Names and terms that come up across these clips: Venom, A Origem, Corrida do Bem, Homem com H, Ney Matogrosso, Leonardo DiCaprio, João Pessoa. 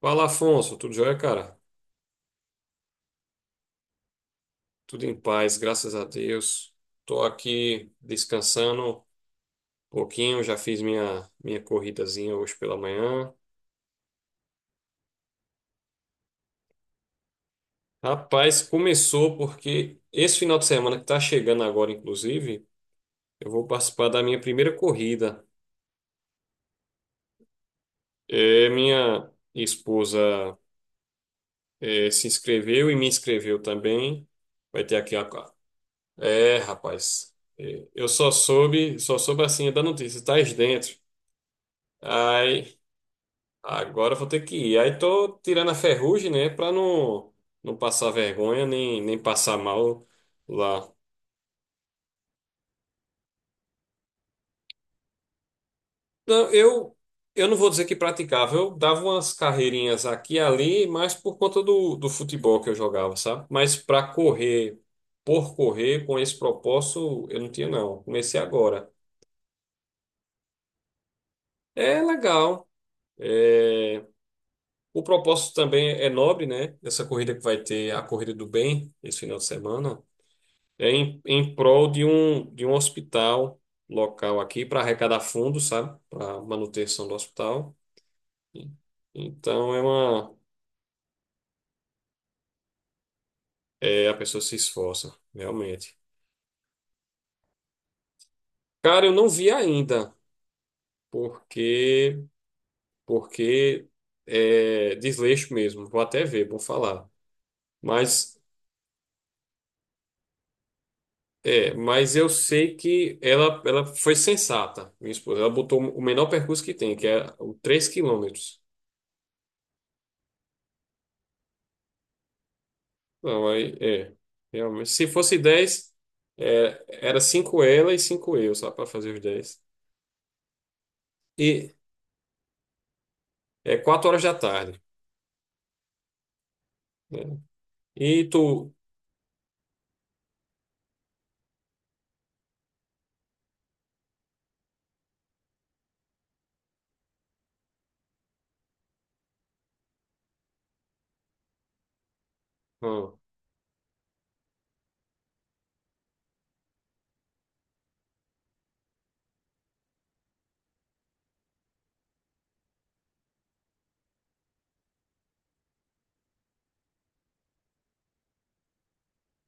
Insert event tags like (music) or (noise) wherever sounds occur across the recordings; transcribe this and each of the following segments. Fala, Afonso, tudo jóia, cara? Tudo em paz, graças a Deus. Tô aqui descansando um pouquinho, já fiz minha corridazinha hoje pela manhã. Rapaz, começou porque esse final de semana que tá chegando agora, inclusive, eu vou participar da minha primeira corrida. É, minha esposa se inscreveu e me inscreveu também. Vai ter aqui a... É, rapaz, eu só soube assim da notícia, tá dentro. Ai, agora eu vou ter que ir. Aí tô tirando a ferrugem, né? Pra não passar vergonha, nem passar mal lá. Não, eu não vou dizer que praticava. Eu dava umas carreirinhas aqui e ali, mas por conta do futebol que eu jogava, sabe? Mas por correr, com esse propósito, eu não tinha, não. Comecei agora. É legal. É, o propósito também é nobre, né? Essa corrida que vai ter, a Corrida do Bem, esse final de semana. É em prol de um hospital local aqui para arrecadar fundos, sabe? Para manutenção do hospital. E- Então é uma. É, a pessoa se esforça, realmente. Cara, eu não vi ainda, porque porque é desleixo mesmo. Vou até ver, vou falar. Mas mas eu sei que ela foi sensata, minha esposa. Ela botou o menor percurso que tem, que é o 3 km. Não, aí é. Realmente. Se fosse 10 era 5 ela e 5 eu, só para fazer os dez. E é 4 horas da tarde, né? E tu. Ah,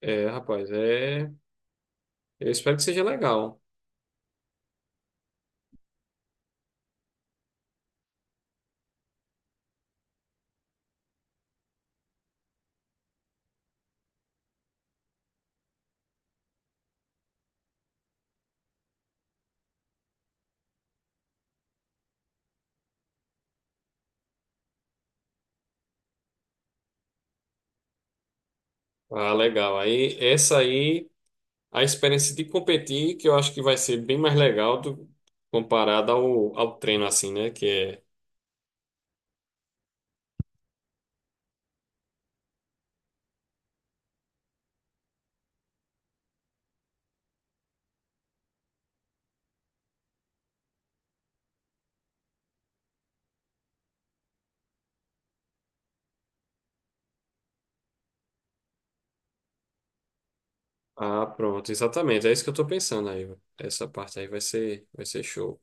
é, rapaz, é. Eu espero que seja legal. Ah, legal. Aí, essa aí, a experiência de competir, que eu acho que vai ser bem mais legal comparada ao treino, assim, né? Que é. Ah, pronto, exatamente. É isso que eu tô pensando aí. Essa parte aí vai ser show.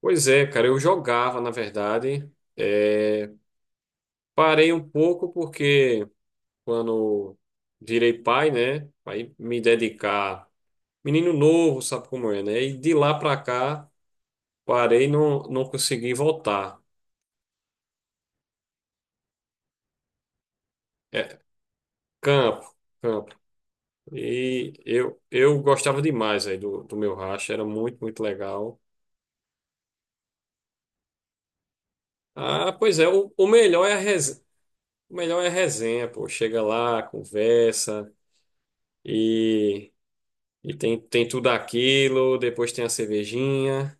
Pois é, cara, eu jogava, na verdade. É, parei um pouco porque quando virei pai, né? Aí me dedicar. Menino novo, sabe como é, né? E de lá pra cá, parei não, não consegui voltar. É, campo, campo. E eu gostava demais aí do meu racha, era muito, muito legal. Ah, pois é, o melhor é a resenha. O melhor é a resenha, pô. Chega lá, conversa e. E tem tudo aquilo, depois tem a cervejinha.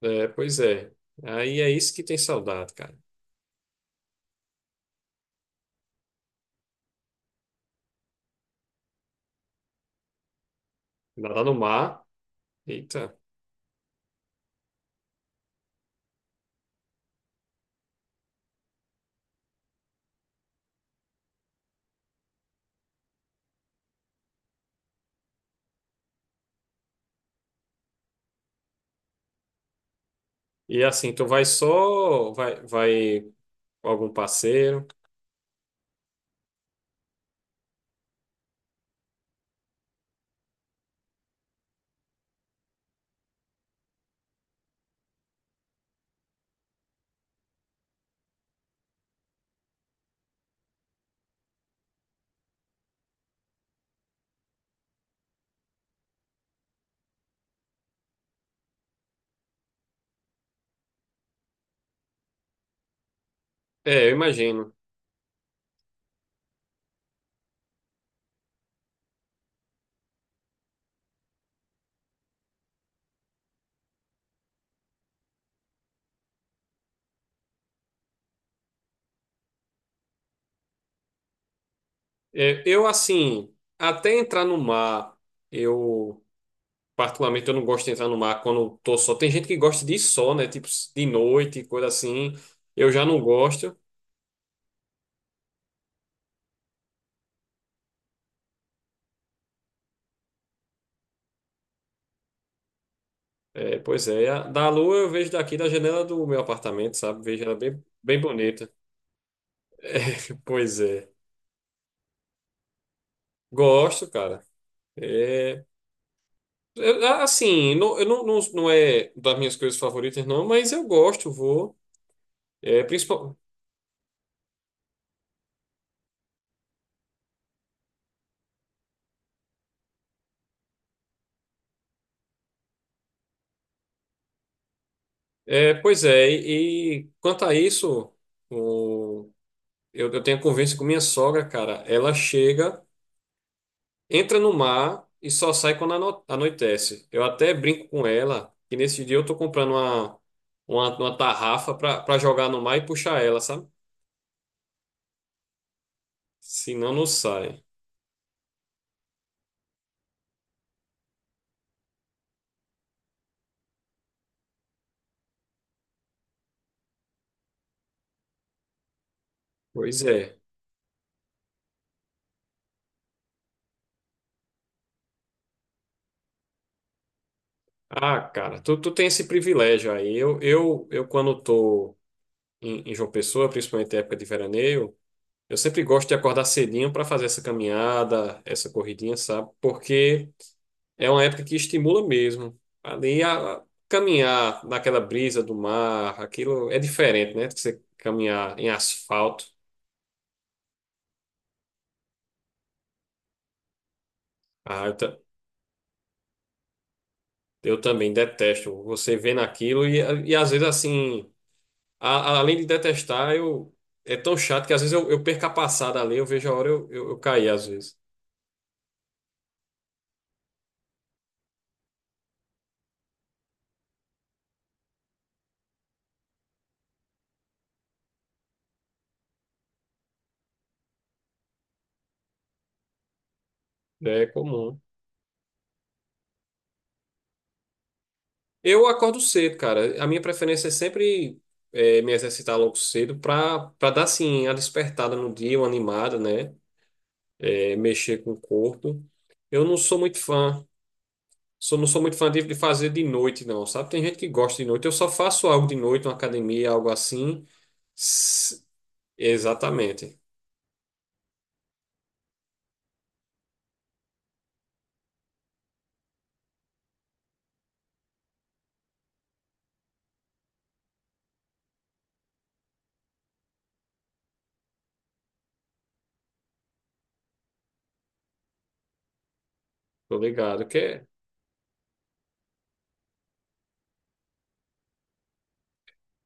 É, pois é. Aí é isso que tem saudade, cara. Nadar no mar. Eita. E assim, tu vai só, vai com algum parceiro. É, eu imagino. É, eu assim, até entrar no mar, eu particularmente eu não gosto de entrar no mar quando tô só. Tem gente que gosta de ir só, né? Tipo de noite, coisa assim. Eu já não gosto. É, pois é, da lua eu vejo daqui da janela do meu apartamento, sabe? Vejo ela bem, bem bonita. (laughs) É, pois é. Gosto, cara. É, assim, não, eu não, não, não é das minhas coisas favoritas, não, mas eu gosto, vou. É, pois é, e quanto a isso, o, eu tenho convivência com minha sogra, cara. Ela chega. Entra no mar e só sai quando anoitece. Eu até brinco com ela que nesse dia eu tô comprando uma, tarrafa pra jogar no mar e puxar ela, sabe? Senão não sai. Pois é. Ah, cara, tu tem esse privilégio aí. Eu quando tô em João Pessoa, principalmente na época de veraneio, eu sempre gosto de acordar cedinho para fazer essa caminhada, essa corridinha, sabe? Porque. É uma época que estimula mesmo. Ali a caminhar naquela brisa do mar, aquilo é diferente, né? Você caminhar em asfalto. Ah, eu também detesto. Você vendo aquilo e às vezes assim, além de detestar, eu é tão chato que às vezes eu perco a passada ali, eu vejo a hora eu cair às vezes. É comum. Eu acordo cedo, cara. A minha preferência é sempre me exercitar logo cedo para dar assim a despertada no dia, uma animada, né? É, mexer com o corpo. Eu não sou muito fã. Sou, não sou muito fã de fazer de noite, não, sabe? Tem gente que gosta de noite. Eu só faço algo de noite, uma academia, algo assim. S- Exatamente. Tô ligado.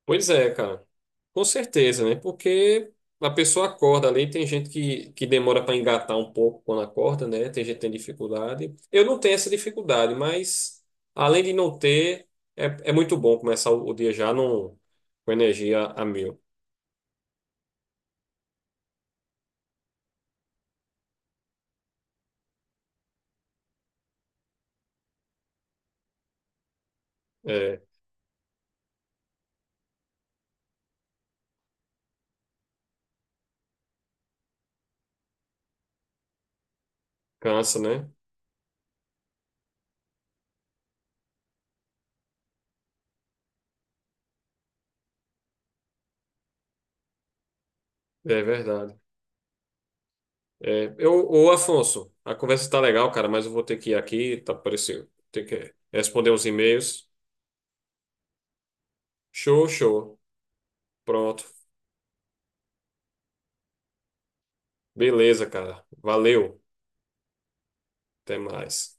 Pois é, cara. Com certeza, né? Porque a pessoa acorda ali, tem gente que demora para engatar um pouco quando acorda, né? Tem gente que tem dificuldade. Eu não tenho essa dificuldade, mas além de não ter, é muito bom começar o dia já com energia a mil. É. Cansa, né? É verdade. É, ô Afonso, a conversa tá legal, cara, mas eu vou ter que ir aqui, tá parecendo. Ter que responder uns e-mails. Show, show. Pronto. Beleza, cara. Valeu. Até mais.